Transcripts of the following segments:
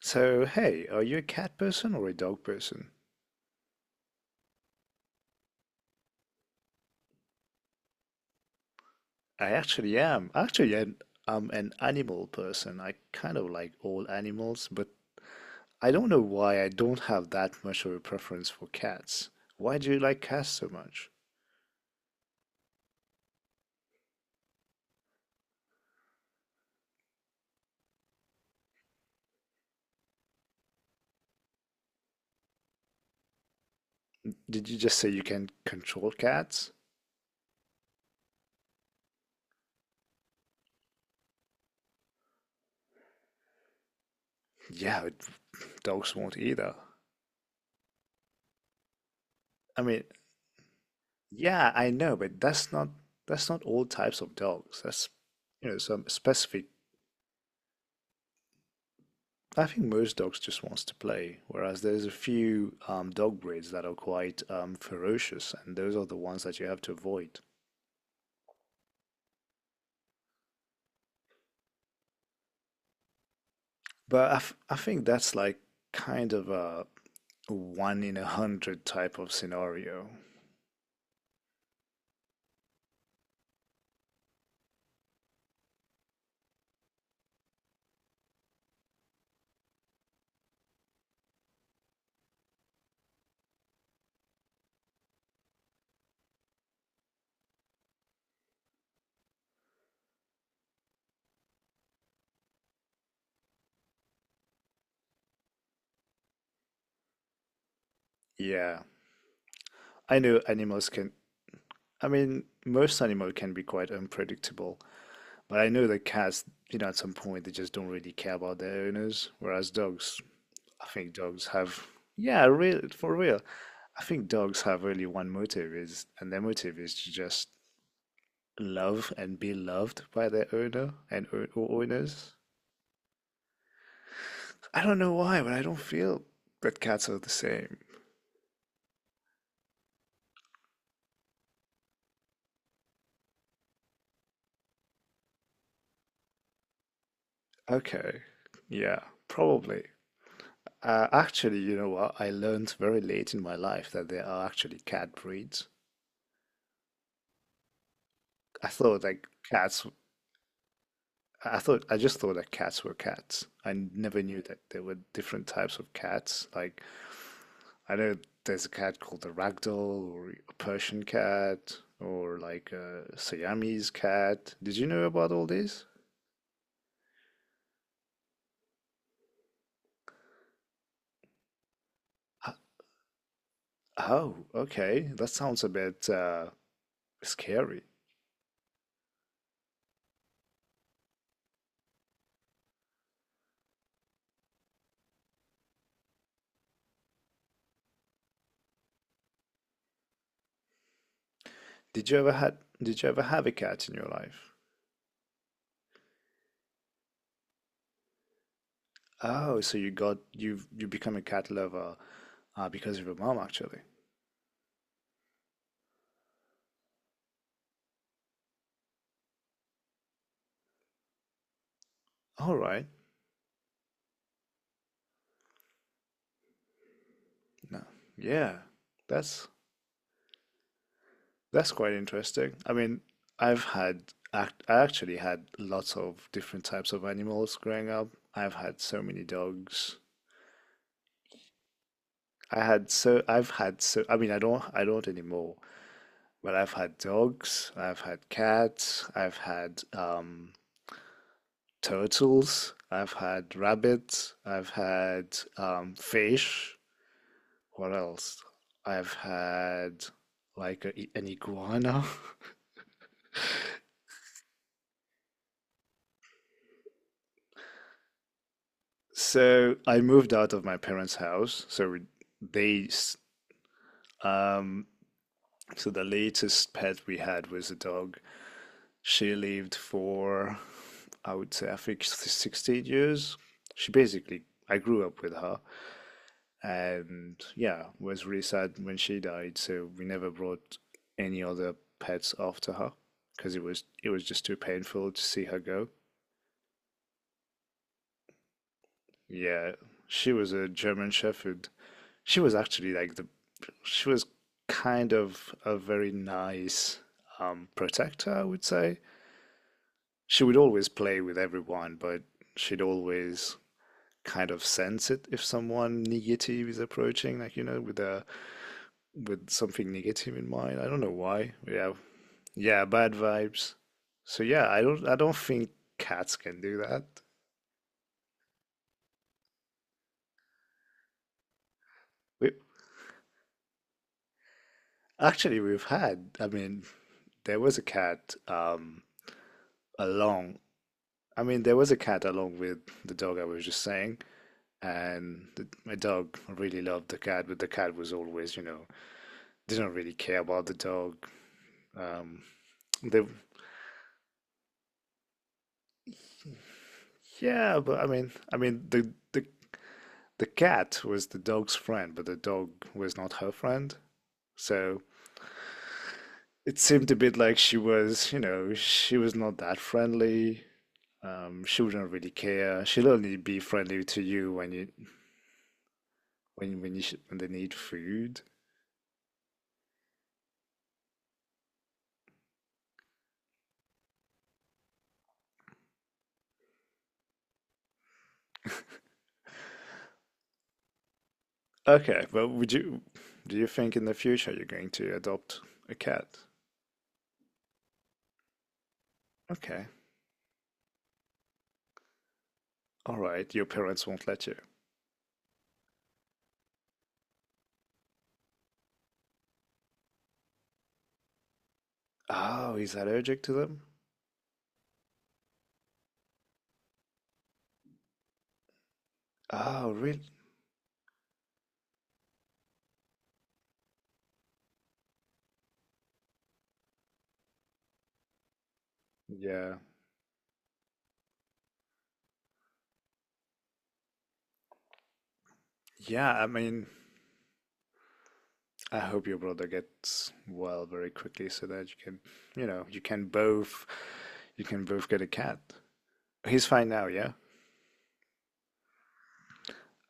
So, hey, are you a cat person or a dog person? I actually am. I'm an animal person. I kind of like all animals, but I don't know why I don't have that much of a preference for cats. Why do you like cats so much? Did you just say you can control cats? Yeah, but dogs won't either. I mean, yeah, I know, but that's not all types of dogs. That's, you know, some specific I think most dogs just wants to play, whereas there's a few dog breeds that are quite ferocious, and those are the ones that you have to avoid. But I, f I think that's like kind of a one in a hundred type of scenario. Yeah, I know animals can. I mean, most animal can be quite unpredictable, but I know that cats, you know, at some point they just don't really care about their owners, whereas dogs, I think dogs have, yeah, real for real. I think dogs have really one motive , and their motive is to just love and be loved by their owner and or owners. I don't know why, but I don't feel that cats are the same. Okay, yeah, probably. Actually, you know what? I learned very late in my life that there are actually cat breeds. I thought like cats. I just thought that cats were cats. I never knew that there were different types of cats. I know there's a cat called the ragdoll or a Persian cat or like a Siamese cat. Did you know about all this? H- Oh, okay. That sounds a bit scary. Did you ever had did you ever have a cat in your life? Oh, so you got you've you become a cat lover because of your mom actually. All right. No. Yeah. That's That's quite interesting. I mean, I actually had lots of different types of animals growing up. I've had so many dogs. I had so, I've had so, I mean, I don't anymore, but I've had dogs, I've had cats, I've had turtles, I've had rabbits, I've had fish. What else? I've had like an iguana. So I moved out of my parents' house. They, s- um, so the latest pet we had was a dog. She lived for, I would say, I think 16 years. She basically, I grew up with her and yeah, was really sad when she died. So we never brought any other pets after her because it was just too painful to see her go. Yeah, she was a German Shepherd. She was actually like the she was kind of a very nice protector, I would say. She would always play with everyone, but she'd always kind of sense it if someone negative is approaching, like you know, with something negative in mind. I don't know why. Yeah, yeah, bad vibes. So yeah, I don't think cats can do that. We actually we've had. I mean, there was a cat along. I mean, there was a cat along with the dog I was just saying and my dog really loved the cat, but the cat was always, you know, didn't really care about the dog. Um, they, yeah, but I mean, the cat was the dog's friend, but the dog was not her friend. So it seemed a bit like she was, you know, she was not that friendly. She wouldn't really care. She'll only be friendly to you when you sh when they need food. Okay, well, would you do you think in the future you're going to adopt a cat? Okay. All right. Your parents won't let you. Oh, he's allergic to them? Oh, really? Yeah. Yeah, I mean, I hope your brother gets well very quickly so that you can, you know, you can both get a cat. He's fine now, yeah?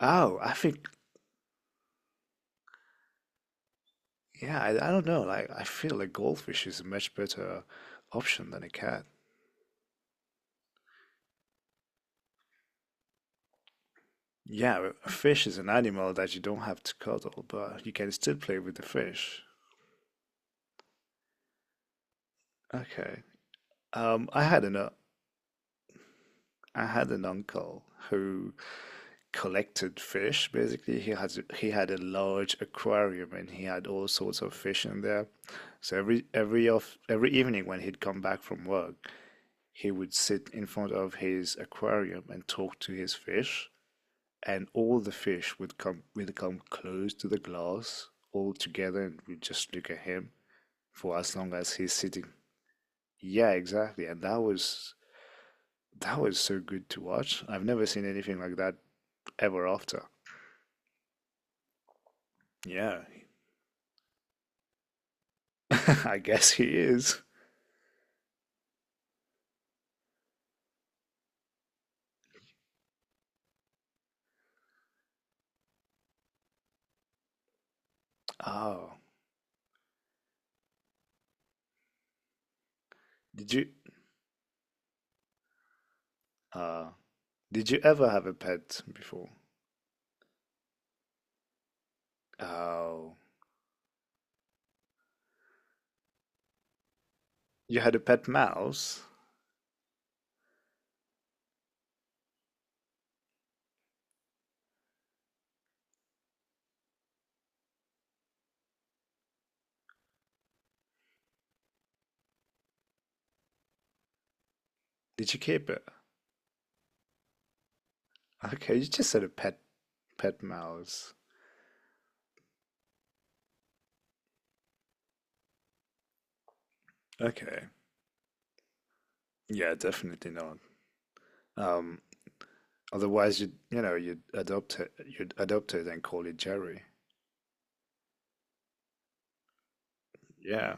Oh, I think yeah, I don't know. Like I feel a goldfish is a much better option than a cat. Yeah, a fish is an animal that you don't have to cuddle, but you can still play with the fish. Okay. Um, I had an uh, I had an uncle who collected fish. Basically, he had a large aquarium and he had all sorts of fish in there. So every evening when he'd come back from work, he would sit in front of his aquarium and talk to his fish, and all the fish would come close to the glass all together and would just look at him for as long as he's sitting. Yeah, exactly. And that was so good to watch. I've never seen anything like that ever after. Yeah, I guess he is. Oh, did you? Uh, did you ever have a pet before? Oh, you had a pet mouse. Did you keep it? Okay, you just said a pet mouse. Okay, yeah, definitely not. Um, otherwise you'd adopt it and call it Jerry. Yeah,